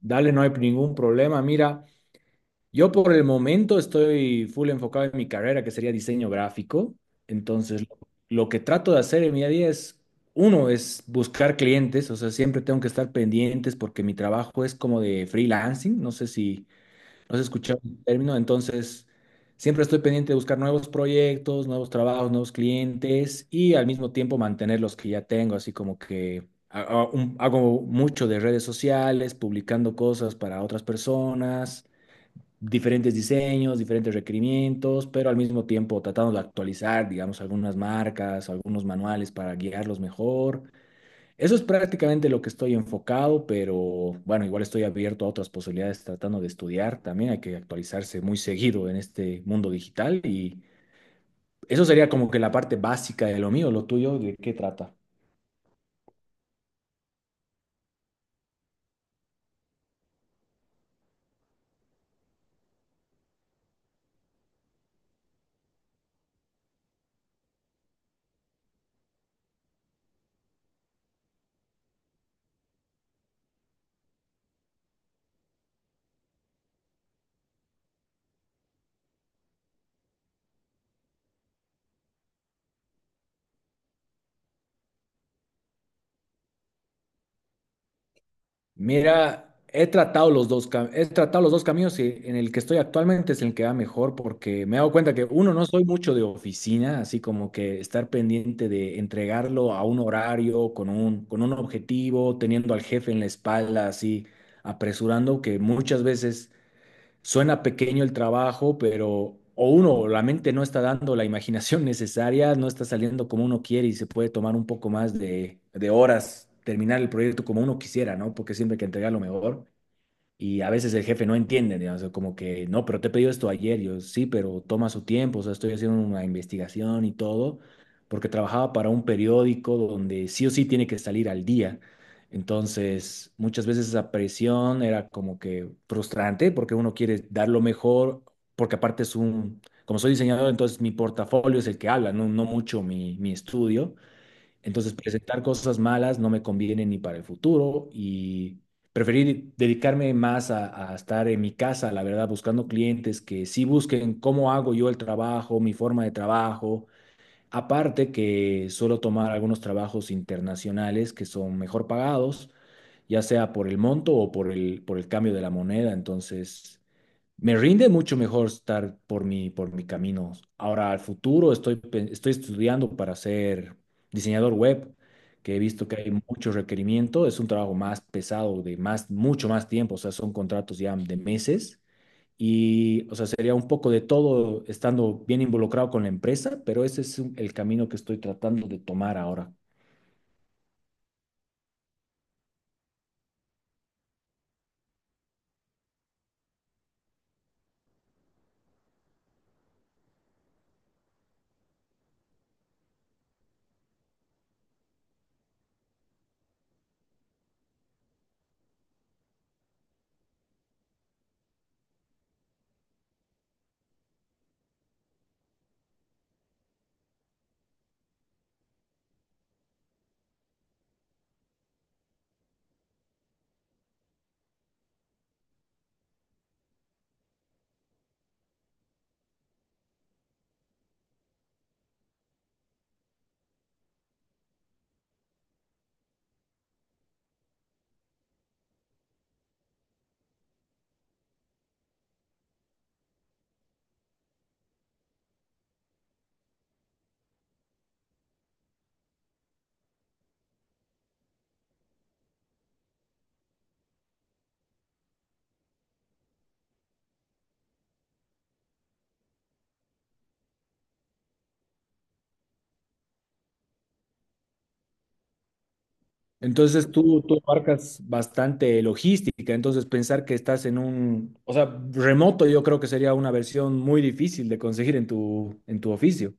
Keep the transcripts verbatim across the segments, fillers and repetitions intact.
Dale, no hay ningún problema. Mira, yo por el momento estoy full enfocado en mi carrera, que sería diseño gráfico. Entonces, lo, lo que trato de hacer en mi día a día es, uno, es buscar clientes, o sea, siempre tengo que estar pendientes porque mi trabajo es como de freelancing. No sé si no has escuchado el término, entonces siempre estoy pendiente de buscar nuevos proyectos, nuevos trabajos, nuevos clientes y al mismo tiempo mantener los que ya tengo, así como que ha- ha- un- hago mucho de redes sociales, publicando cosas para otras personas, diferentes diseños, diferentes requerimientos, pero al mismo tiempo tratando de actualizar, digamos, algunas marcas, algunos manuales para guiarlos mejor. Eso es prácticamente lo que estoy enfocado, pero bueno, igual estoy abierto a otras posibilidades tratando de estudiar. También hay que actualizarse muy seguido en este mundo digital y eso sería como que la parte básica de lo mío. Lo tuyo, ¿de qué trata? Mira, he tratado los dos, cam- he tratado los dos caminos y en el que estoy actualmente es el que va mejor porque me he dado cuenta que uno, no soy mucho de oficina, así como que estar pendiente de entregarlo a un horario, con un, con un objetivo, teniendo al jefe en la espalda, así apresurando, que muchas veces suena pequeño el trabajo, pero o uno, la mente no está dando la imaginación necesaria, no está saliendo como uno quiere y se puede tomar un poco más de, de horas terminar el proyecto como uno quisiera, ¿no? Porque siempre hay que entregar lo mejor. Y a veces el jefe no entiende, digamos, o como que, no, pero te he pedido esto ayer, yo sí, pero toma su tiempo, o sea, estoy haciendo una investigación y todo, porque trabajaba para un periódico donde sí o sí tiene que salir al día. Entonces, muchas veces esa presión era como que frustrante, porque uno quiere dar lo mejor, porque aparte es un, como soy diseñador, entonces mi portafolio es el que habla, no, no mucho mi, mi estudio. Entonces, presentar cosas malas no me conviene ni para el futuro y preferí dedicarme más a, a estar en mi casa, la verdad, buscando clientes que sí busquen cómo hago yo el trabajo, mi forma de trabajo. Aparte que suelo tomar algunos trabajos internacionales que son mejor pagados, ya sea por el monto o por el, por el cambio de la moneda. Entonces, me rinde mucho mejor estar por mi, por mi camino. Ahora, al futuro estoy, pe- estoy estudiando para ser diseñador web, que he visto que hay mucho requerimiento. Es un trabajo más pesado, de más, mucho más tiempo. O sea, son contratos ya de meses. Y, o sea, sería un poco de todo estando bien involucrado con la empresa, pero ese es un- el camino que estoy tratando de tomar ahora. Entonces tú, tú abarcas bastante logística, entonces pensar que estás en un, o sea, remoto yo creo que sería una versión muy difícil de conseguir en tu, en tu oficio.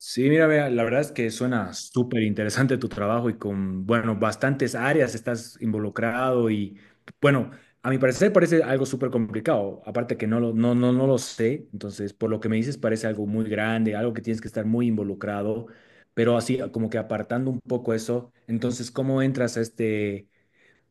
Sí, mira, vea, la verdad es que suena súper interesante tu trabajo y con, bueno, bastantes áreas estás involucrado y, bueno, a mi parecer parece algo súper complicado, aparte que no lo, no, no, no lo sé, entonces, por lo que me dices, parece algo muy grande, algo que tienes que estar muy involucrado, pero así como que apartando un poco eso, entonces, ¿cómo entras a este...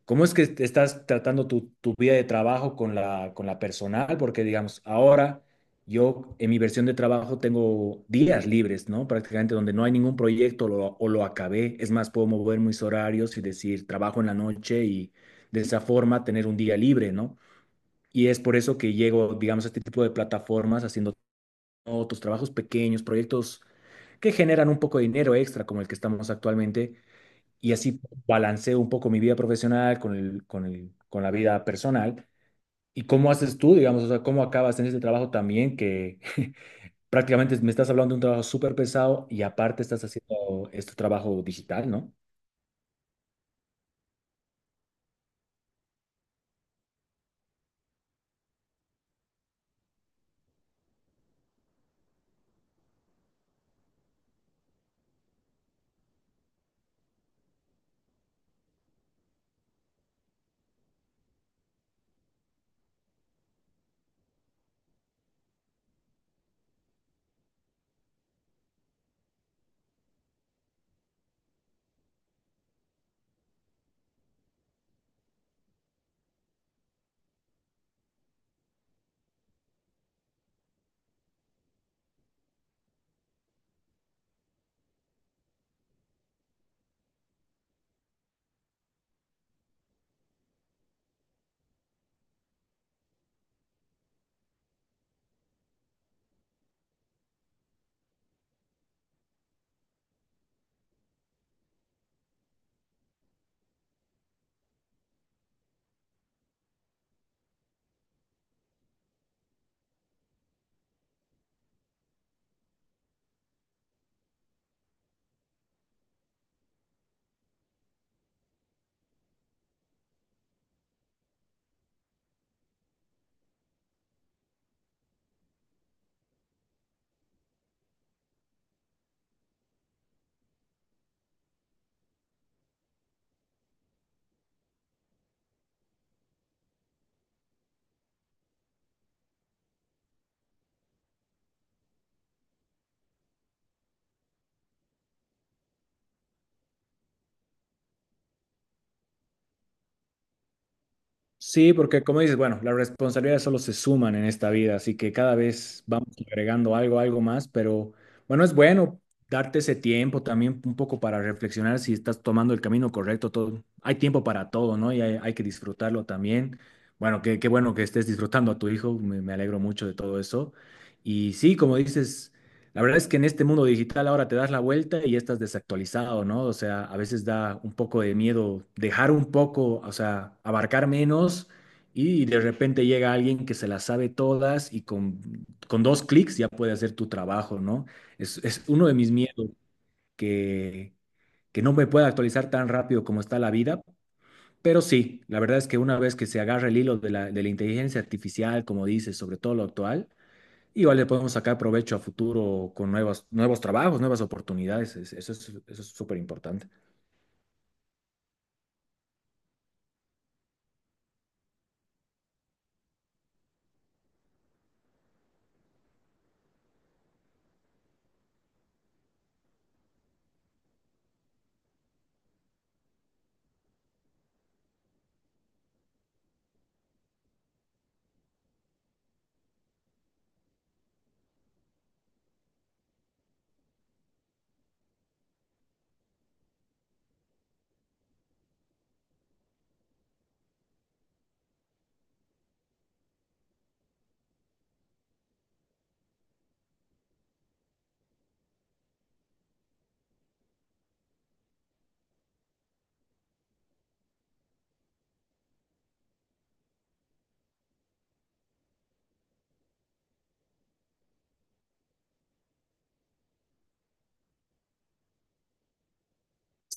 ¿Cómo es que te estás tratando tu, tu vida de trabajo con la, con la personal? Porque, digamos, ahora yo en mi versión de trabajo tengo días libres, ¿no? Prácticamente donde no hay ningún proyecto lo- o lo acabé. Es más, puedo mover mis horarios y decir, trabajo en la noche y de esa forma tener un día libre, ¿no? Y es por eso que llego, digamos, a este tipo de plataformas haciendo otros trabajos pequeños, proyectos que generan un poco de dinero extra, como el que estamos actualmente y así balanceo un poco mi vida profesional con el, con el, con la vida personal. ¿Y cómo haces tú, digamos, o sea, cómo acabas en este trabajo también que prácticamente me estás hablando de un trabajo súper pesado y aparte estás haciendo este trabajo digital, ¿no? Sí, porque como dices, bueno, las responsabilidades solo se suman en esta vida, así que cada vez vamos agregando algo, algo más, pero bueno, es bueno darte ese tiempo también un poco para reflexionar si estás tomando el camino correcto, todo. Hay tiempo para todo, ¿no? Y hay, hay que disfrutarlo también. Bueno, qué, qué bueno que estés disfrutando a tu hijo, me, me alegro mucho de todo eso. Y sí, como dices, la verdad es que en este mundo digital ahora te das la vuelta y ya estás desactualizado, ¿no? O sea, a veces da un poco de miedo dejar un poco, o sea, abarcar menos y de repente llega alguien que se las sabe todas y con, con dos clics ya puede hacer tu trabajo, ¿no? Es, es uno de mis miedos que, que no me pueda actualizar tan rápido como está la vida, pero sí, la verdad es que una vez que se agarra el hilo de la, de la inteligencia artificial, como dices, sobre todo lo actual, igual le podemos sacar provecho a futuro con nuevos, nuevos trabajos, nuevas oportunidades. es- Eso es, eso es súper importante.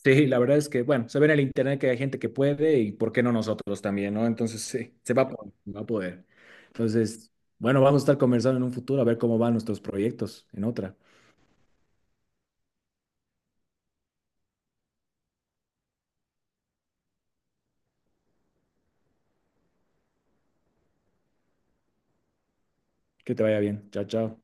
Sí, la verdad es que, bueno, se ve en el internet que hay gente que puede y por qué no nosotros también, ¿no? Entonces, sí, se va a poder, va a poder. Entonces, bueno, vamos a estar conversando en un futuro a ver cómo van nuestros proyectos en otra. Que te vaya bien. Chao, chao.